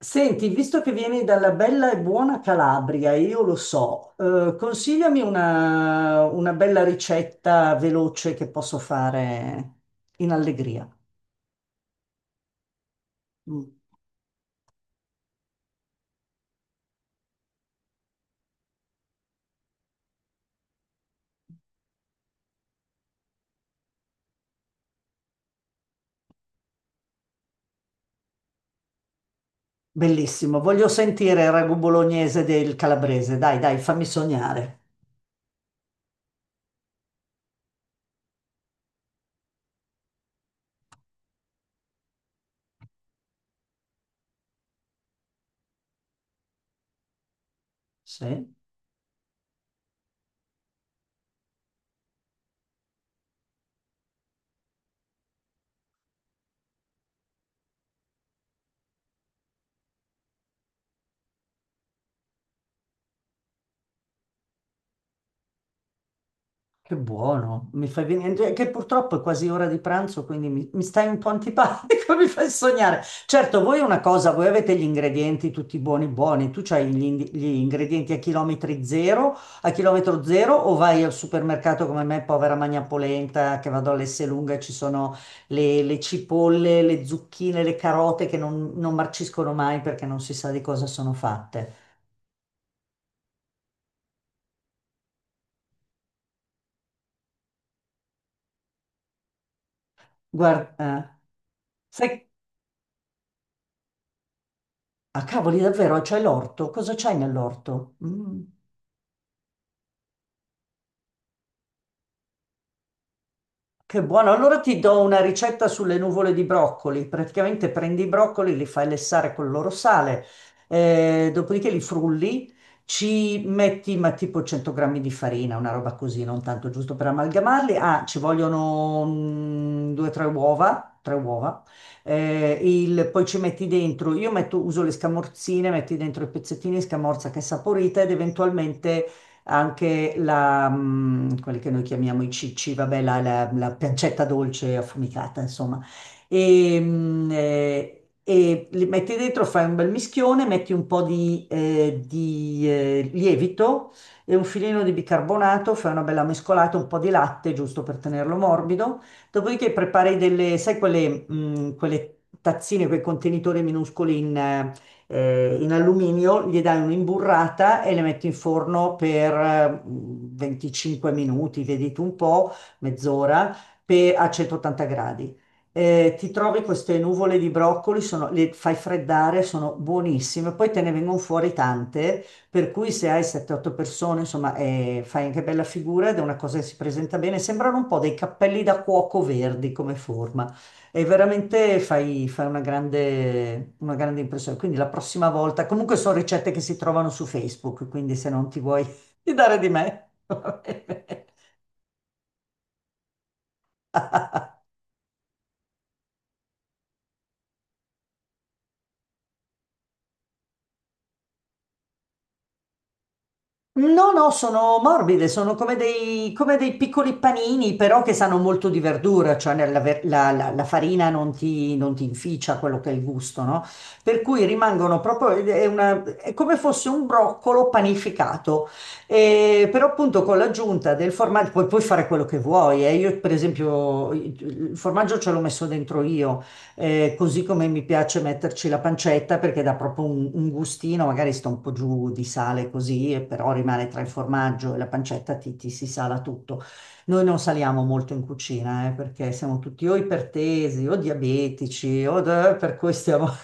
Senti, visto che vieni dalla bella e buona Calabria, io lo so, consigliami una bella ricetta veloce che posso fare in allegria. Mm. Bellissimo, voglio sentire il ragù bolognese del calabrese, dai, dai, fammi sognare. Sì. Che buono, mi fai venire, cioè, che purtroppo è quasi ora di pranzo, quindi mi stai un po' antipatico, mi fai sognare. Certo, voi una cosa, voi avete gli ingredienti tutti buoni buoni, tu c'hai gli ingredienti a chilometri zero, a chilometro zero, o vai al supermercato come me, povera magna polenta, che vado all'Esselunga e ci sono le cipolle, le zucchine, le carote che non marciscono mai perché non si sa di cosa sono fatte. Guarda, eh. Sai. Cavoli, davvero, c'è l'orto? Cosa c'hai nell'orto? Che buono. Allora ti do una ricetta sulle nuvole di broccoli. Praticamente prendi i broccoli, li fai lessare con il loro sale, dopodiché li frulli, ci metti ma tipo 100 grammi di farina, una roba così, non tanto giusto per amalgamarli. Ah, ci vogliono due o tre uova, tre uova. Poi ci metti dentro, uso le scamorzine, metti dentro i pezzettini di scamorza che è saporita ed eventualmente anche quelli che noi chiamiamo i cicci, vabbè, la pancetta dolce affumicata, insomma. E, mh, eh, e li metti dentro, fai un bel mischione, metti un po' lievito e un filino di bicarbonato, fai una bella mescolata, un po' di latte, giusto per tenerlo morbido. Dopodiché prepari delle, sai, quelle tazzine, quei contenitori minuscoli in alluminio, gli dai un'imburrata e le metti in forno per 25 minuti, vedi tu un po', mezz'ora, a 180 gradi. Ti trovi queste nuvole di broccoli, le fai freddare, sono buonissime, poi te ne vengono fuori tante, per cui se hai 7-8 persone, insomma, fai anche bella figura ed è una cosa che si presenta bene. Sembrano un po' dei cappelli da cuoco verdi come forma. E veramente fai una grande impressione. Quindi la prossima volta, comunque sono ricette che si trovano su Facebook, quindi se non ti vuoi fidare di me, va bene. No, no, sono morbide, sono come dei piccoli panini, però che sanno molto di verdura, cioè nella ver- la, la- la farina non ti inficia quello che è il gusto, no? Per cui rimangono proprio, è come fosse un broccolo panificato. E però appunto con l'aggiunta del formaggio puoi fare quello che vuoi, eh. Io per esempio il formaggio ce l'ho messo dentro io, così come mi piace metterci la pancetta perché dà proprio un gustino, magari sta un po' giù di sale così, e però rimane tra il formaggio e la pancetta, ti si sala tutto. Noi non saliamo molto in cucina, perché siamo tutti o ipertesi o diabetici, per cui stiamo.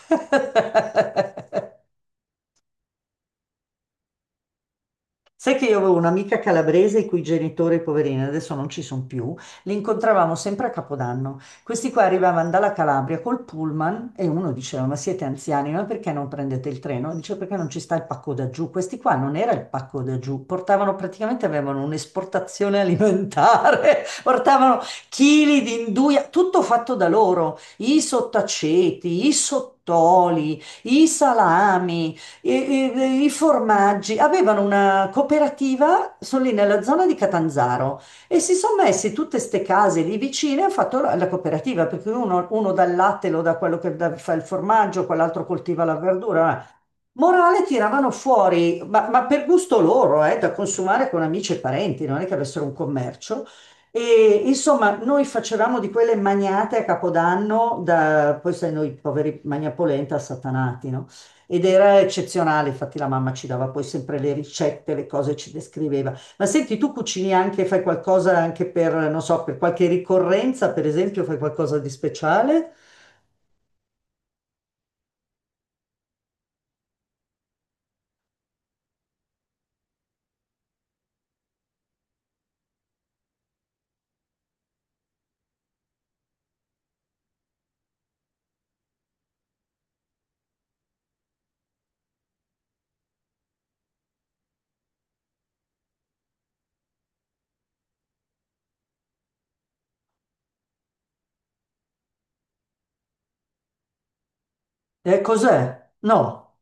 Sai che io avevo un'amica calabrese i cui genitori, poverini, adesso non ci sono più, li incontravamo sempre a Capodanno. Questi qua arrivavano dalla Calabria col pullman e uno diceva: Ma siete anziani, ma perché non prendete il treno? Dice: Perché non ci sta il pacco da giù? Questi qua non era il pacco da giù, portavano praticamente avevano un'esportazione alimentare, portavano chili di induia, tutto fatto da loro, i sottaceti, i sottoli, i salami. I formaggi avevano una cooperativa, sono lì nella zona di Catanzaro e si sono messi tutte ste case lì vicine e hanno fatto la cooperativa, perché uno dà il latte, lo dà quello fa il formaggio, quell'altro coltiva la verdura. Morale tiravano fuori, ma per gusto loro, da consumare con amici e parenti, non è che avessero un commercio. E insomma, noi facevamo di quelle magnate a Capodanno, da, poi sai, noi poveri magnapolenta satanati, no? Ed era eccezionale, infatti la mamma ci dava poi sempre le ricette, le cose ci descriveva. Ma senti, tu cucini anche, fai qualcosa anche per, non so, per qualche ricorrenza, per esempio, fai qualcosa di speciale? Cos'è? No.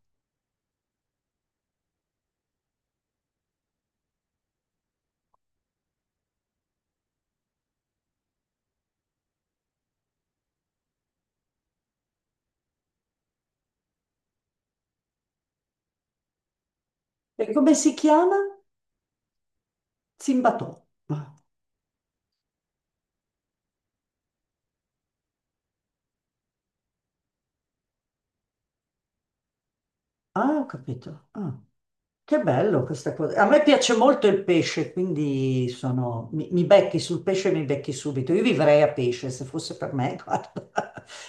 E come si chiama? Zimbatò. Ah, ah, ho capito. Ah, che bello questa cosa. A me piace molto il pesce, quindi mi becchi sul pesce e mi becchi subito. Io vivrei a pesce se fosse per me, guarda.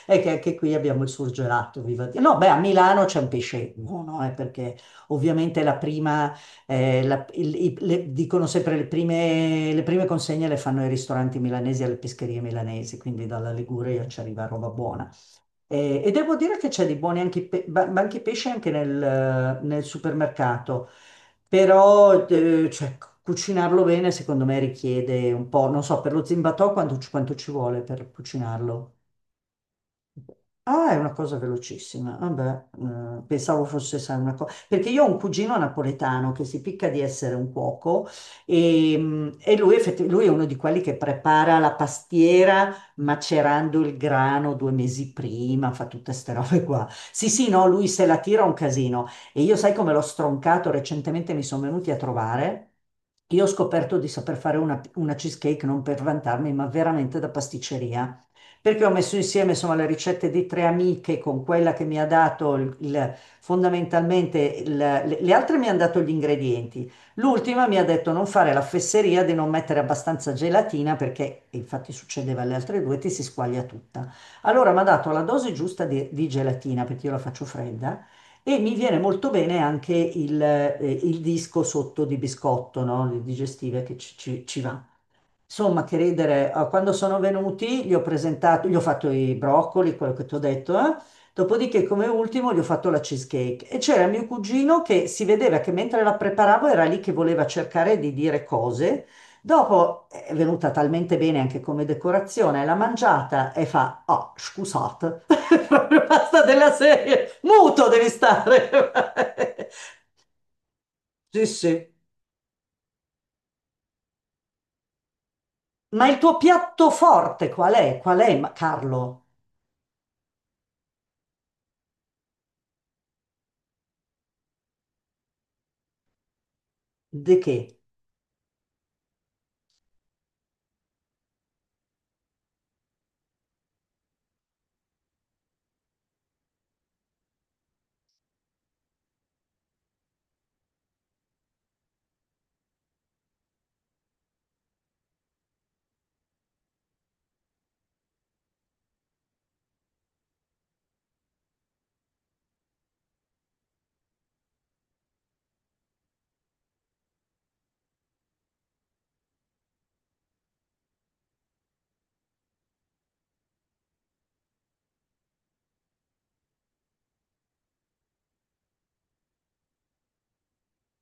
È che anche qui abbiamo il surgelato, viva Dio. No, beh, a Milano c'è un pesce buono, perché ovviamente la prima, la- il- i- le- dicono sempre le prime consegne le fanno i ristoranti milanesi alle pescherie milanesi, quindi dalla Liguria ci arriva roba buona. E devo dire che c'è di buoni anche i banchi pesce anche nel supermercato, però cioè, cucinarlo bene secondo me richiede un po', non so, per lo zimbatò quanto ci vuole per cucinarlo? Ah, è una cosa velocissima. Vabbè, pensavo fosse sai, una cosa. Perché io ho un cugino napoletano che si picca di essere un cuoco e, lui è uno di quelli che prepara la pastiera macerando il grano 2 mesi prima, fa tutte queste robe qua. Sì, sì, no, lui se la tira un casino. E io sai come l'ho stroncato? Recentemente mi sono venuti a trovare. Io ho scoperto di saper fare una cheesecake non per vantarmi, ma veramente da pasticceria perché ho messo insieme insomma, le ricette di tre amiche con quella che mi ha dato fondamentalmente, le altre mi hanno dato gli ingredienti. L'ultima mi ha detto non fare la fesseria di non mettere abbastanza gelatina perché, e infatti succedeva alle altre due, ti si squaglia tutta. Allora mi ha dato la dose giusta di gelatina perché io la faccio fredda. E mi viene molto bene anche il disco sotto di biscotto, no? Le digestive che ci va. Insomma, che ridere, quando sono venuti gli ho presentato, gli ho fatto i broccoli, quello che ti ho detto, eh. Dopodiché come ultimo gli ho fatto la cheesecake e c'era mio cugino che si vedeva che mentre la preparavo era lì che voleva cercare di dire cose. Dopo è venuta talmente bene anche come decorazione, l'ha mangiata e fa, ah, scusate, proprio basta della serie, muto devi stare. Sì, sì. Ma il tuo piatto forte qual è? Qual è, Carlo? Di che?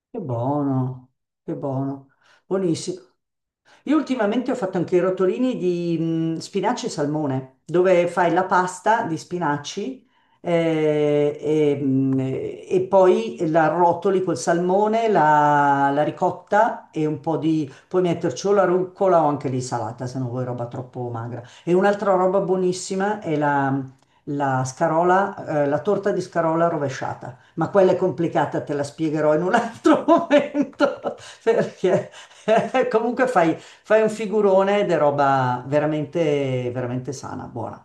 Che buono, che buono, buonissimo. Io ultimamente ho fatto anche i rotolini di spinaci e salmone, dove fai la pasta di spinaci eh, e, mh, e poi la rotoli col salmone, la ricotta e un po' di puoi metterci o la rucola o anche lì salata, se non vuoi roba troppo magra. E un'altra roba buonissima è la scarola, la torta di scarola rovesciata, ma quella è complicata, te la spiegherò in un altro momento, perché comunque Fai un figurone ed è roba veramente, veramente sana, buona.